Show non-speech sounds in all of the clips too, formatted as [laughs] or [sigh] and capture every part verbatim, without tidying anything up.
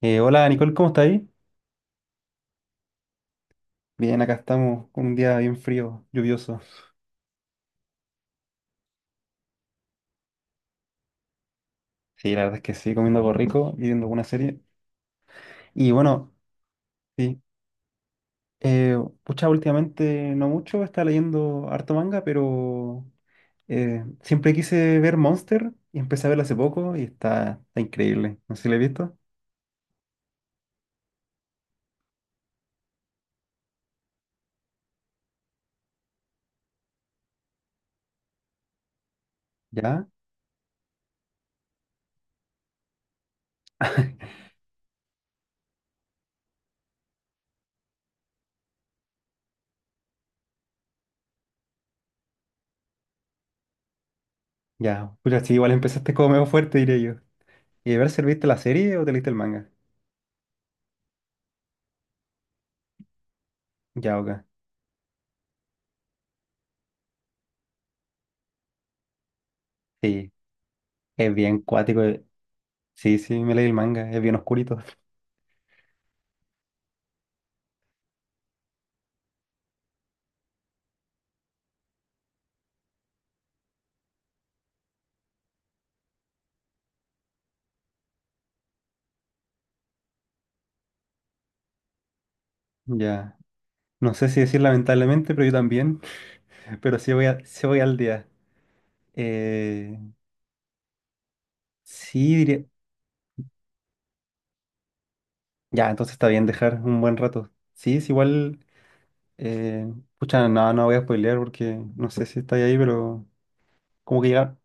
Eh, hola Nicole, ¿cómo está ahí? Bien, acá estamos con un día bien frío, lluvioso. Sí, la verdad es que sí, comiendo algo rico y viendo alguna serie. Y bueno, sí. Eh, Pucha, últimamente no mucho, estaba leyendo harto manga, pero eh, siempre quise ver Monster y empecé a verlo hace poco y está, está increíble. No sé si lo he visto. ¿Ya? [laughs] Ya. Pucha, sí, igual empezaste como medio fuerte, diré yo. ¿Y a ver si viste la serie o te leíste el manga? Ya, ok. Sí, es bien cuático. eh. Sí, sí, me leí el manga, es bien oscurito. Ya. No sé si decir lamentablemente, pero yo también. [laughs] Pero sí voy, a- sí voy al día. Eh, sí, diría. Ya, entonces está bien dejar un buen rato. Sí, es igual. Eh, Pucha, no, no voy a spoilear porque no sé si está ahí, pero como que ya.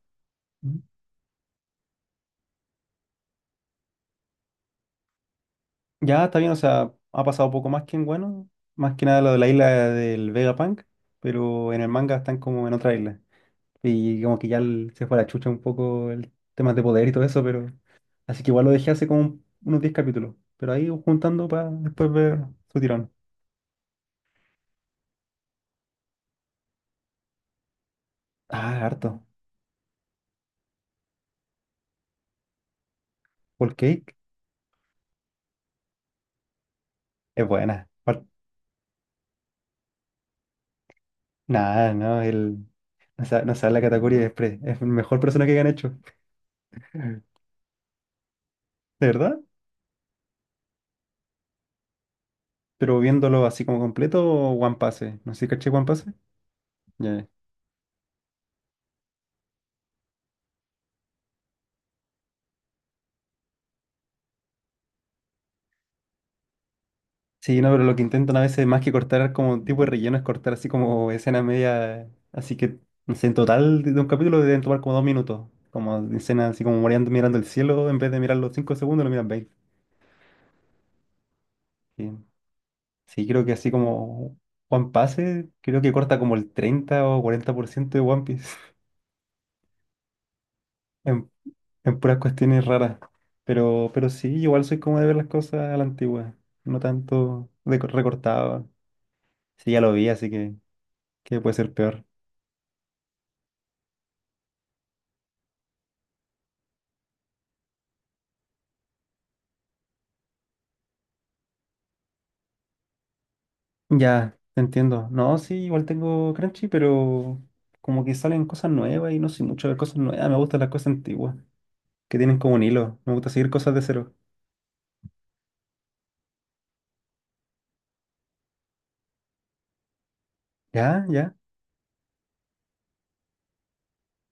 Ya está bien, o sea, ha pasado poco más que en bueno. Más que nada lo de la isla del Vegapunk, pero en el manga están como en otra isla. Y como que ya el- se fue a la chucha un poco el tema de poder y todo eso, pero... Así que igual lo dejé hace como un- unos diez capítulos. Pero ahí juntando para después ver su tirón. Ah, harto. Whole Cake es buena. Par- Nada, no, el... No sabe, no sabe la categoría de Express. Es el mejor persona que han hecho. [laughs] ¿De verdad? Pero viéndolo así como completo, One Piece. No sé si caché One Piece. Ya. Sí, no, pero lo que intentan a veces más que cortar como tipo de relleno es cortar así como escena media. Así que, no sé, en total de de un capítulo deben tomar como dos minutos. Como de escena así como mirando, mirando el cielo, en vez de mirar los cinco segundos, lo miran veinte. Sí, Sí, creo que así como One Piece, creo que corta como el treinta o cuarenta por ciento de One Piece [laughs] en, en puras cuestiones raras. Pero, pero sí, igual soy como de ver las cosas a la antigua, no tanto de co- recortado. Sí, ya lo vi, así que, que puede ser peor. Ya, te entiendo. No, sí, igual tengo Crunchy, pero como que salen cosas nuevas y no sé mucho de cosas nuevas. Me gustan las cosas antiguas, que tienen como un hilo. Me gusta seguir cosas de cero. Ya, ya,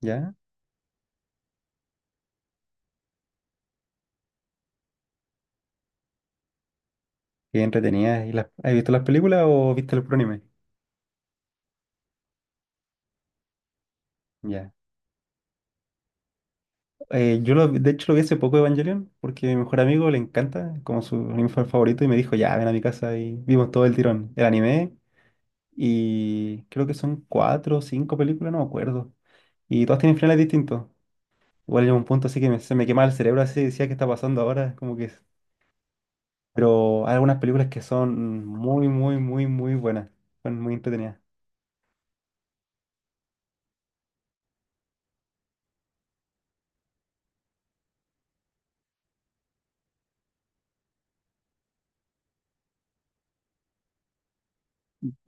ya. Qué entretenida. ¿Y las, has visto las películas o viste el puro anime? Ya. Eh, yo lo, de hecho lo vi hace poco Evangelion, porque mi mejor amigo le encanta, como su anime fa- favorito, y me dijo, ya, ven a mi casa y vimos todo el tirón. El anime, y creo que son cuatro o cinco películas, no me acuerdo. Y todas tienen finales distintos. Igual llegó un punto así que me- se me quemaba el cerebro así, decía, ¿qué está pasando ahora? Como que... Pero hay algunas películas que son muy, muy, muy, muy buenas. Son muy entretenidas.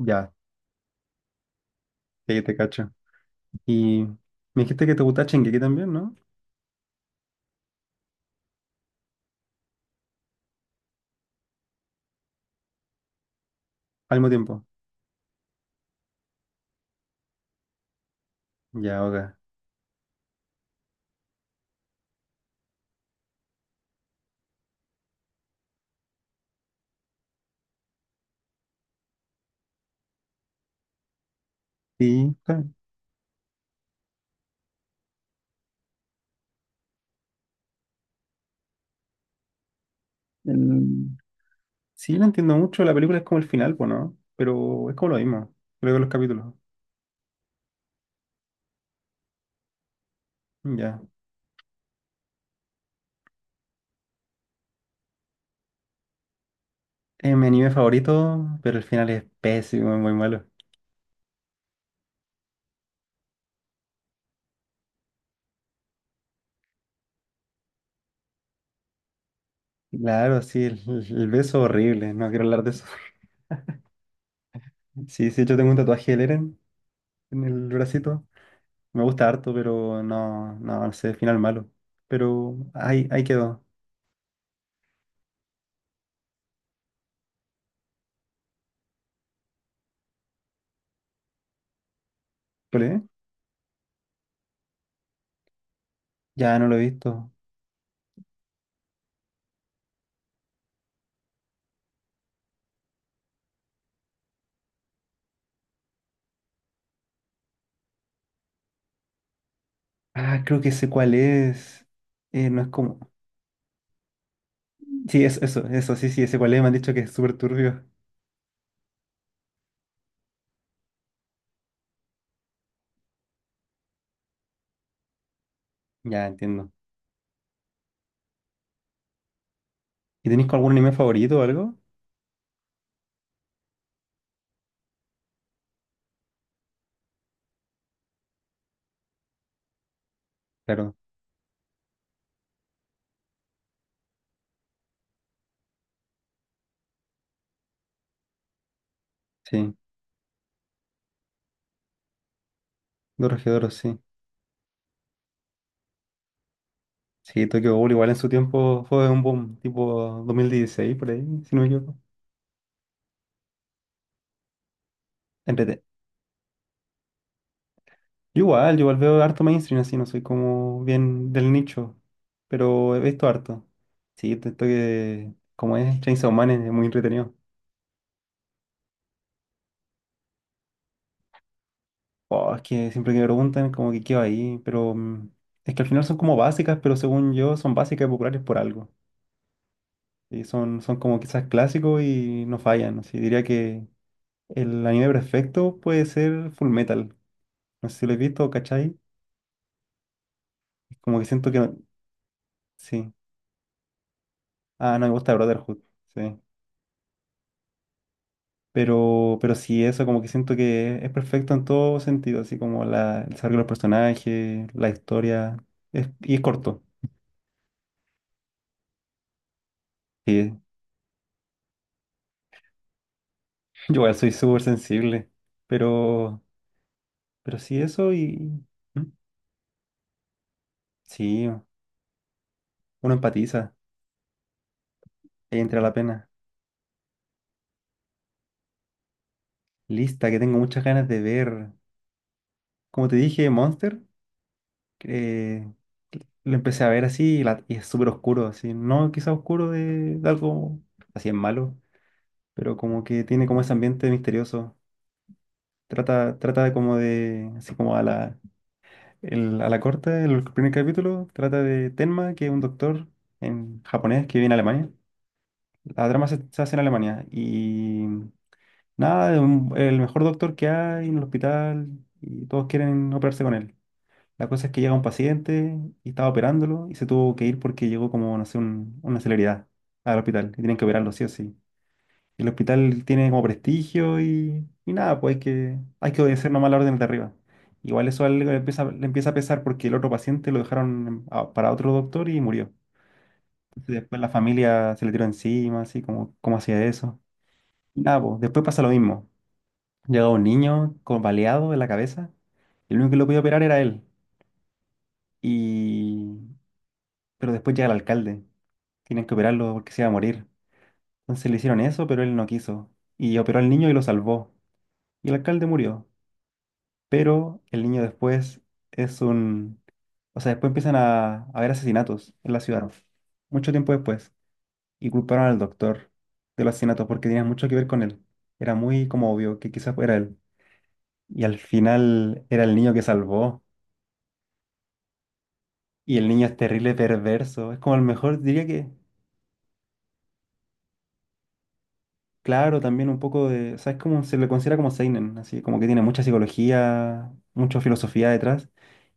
Ya, sí, te cacho. Y me dijiste que te gusta Shingeki también, ¿no? Al mismo tiempo. Ya, ok. Sí, está- mm, sí, la entiendo mucho. La película es como el final, pues, ¿no? Pero es como lo mismo. Creo que los capítulos. Ya. Es mi anime favorito, pero el final es pésimo, es muy malo. Claro, sí, el, el- el beso horrible. No quiero hablar de eso. Sí, sí, yo tengo un tatuaje del Eren en el bracito. Me gusta harto, pero no, no, no sé, final malo. Pero ahí, ahí quedó. ¿Cuál es? Ya no lo he visto. Ah, creo que sé cuál es. Eh, no es como. Sí, eso, eso, eso, sí, sí, ese cuál es. Me han dicho que es súper turbio. Ya entiendo. ¿Y tenéis algún anime favorito o algo? Claro, sí. Dorohedoro, sí. Sí, Tokyo Ghoul igual en su tiempo fue un boom, tipo dos mil dieciséis por ahí, si no me equivoco. Entrete- Yo igual, yo igual veo harto mainstream así, no soy como bien del nicho, pero he visto harto. Sí, esto esto que, como es Chainsaw Man, es muy entretenido. Oh, es que siempre que me preguntan, como que quedo ahí, pero mm, es que al final son como básicas, pero según yo son básicas y populares por algo. Y son, son como quizás clásicos y no fallan. Así diría que el anime perfecto puede ser Full Metal. No sé si lo he visto, ¿cachai? Como que siento que no- sí. Ah, no, me gusta Brotherhood. Sí. Pero, pero sí, eso como que siento que es perfecto en todo sentido, así como la, el desarrollo de los personajes, la historia, es, y es corto. Sí, [laughs] yo igual soy súper sensible, pero, pero sí, eso y... ¿Mm? Sí, uno empatiza, ahí entra la pena. Lista, que tengo muchas ganas de ver. Como te dije, Monster, eh, lo empecé a ver así y, la- y es súper oscuro, así, no quizá oscuro de, de algo así es malo, pero como que tiene como ese ambiente misterioso. Trata, trata de como de, así como a la, el- a la corta, el primer capítulo, trata de Tenma, que es un doctor en japonés que viene a Alemania. La trama se, se hace en Alemania y nada, es un- el mejor doctor que hay en el hospital y todos quieren operarse con él. La cosa es que llega un paciente y estaba operándolo y se tuvo que ir porque llegó como, no sé, un- una celeridad al hospital y tienen que operarlo sí o sí. El hospital tiene como prestigio y, y nada, pues hay que, hay que obedecer nomás las órdenes de arriba. Igual eso a él le empieza, le empieza a pesar porque el otro paciente lo dejaron a- para otro doctor y murió. Entonces después la familia se le tiró encima, así como, ¿cómo hacía eso? Y nada, pues después pasa lo mismo. Llega un niño con baleado en la cabeza y el único que lo podía operar era él. Y... Pero después llega el alcalde. Tienen que operarlo porque se iba a morir. Entonces le hicieron eso, pero él no quiso. Y operó al niño y lo salvó. Y el alcalde murió. Pero el niño después es un... O sea, después empiezan a, a haber asesinatos en la ciudad, mucho tiempo después, y culparon al doctor de los asesinatos porque tenía mucho que ver con él. Era muy como obvio que quizás fuera él. Y al final era el niño que salvó, y el niño es terrible, perverso, es como el mejor, diría que... Claro, también un poco de, ¿sabes cómo se le considera como seinen? Así como que tiene mucha psicología, mucha filosofía detrás.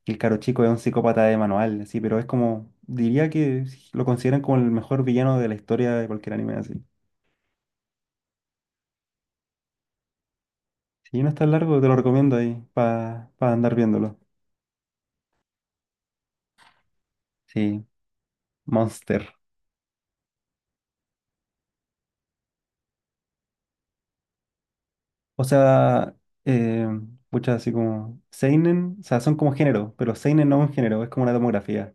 Y el caro chico es un psicópata de manual, así, pero es como, diría que lo consideran como el mejor villano de la historia de cualquier anime así. Si no está largo, te lo recomiendo ahí para andar viéndolo. Sí, Monster. O sea, eh, pucha, así como Seinen, o sea, son como género, pero Seinen no es un género, es como una demografía.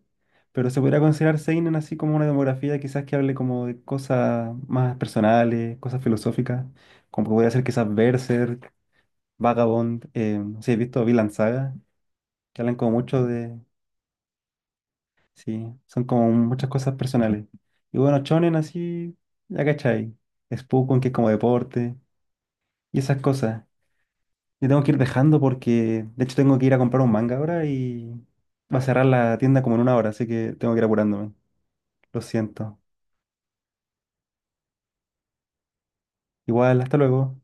Pero se podría considerar Seinen así como una demografía, quizás que hable como de cosas más personales, cosas filosóficas, como que podría ser quizás Berserk, Vagabond, eh, no sé, he visto Vinland Saga, que hablan como mucho de, sí, son como muchas cosas personales. Y bueno, Shonen así, ya cachai, Spokon, que es como deporte, y esas cosas. Yo tengo que ir dejando porque, de hecho, tengo que ir a comprar un manga ahora y va a cerrar la tienda como en una hora, así que tengo que ir apurándome. Lo siento. Igual, hasta luego.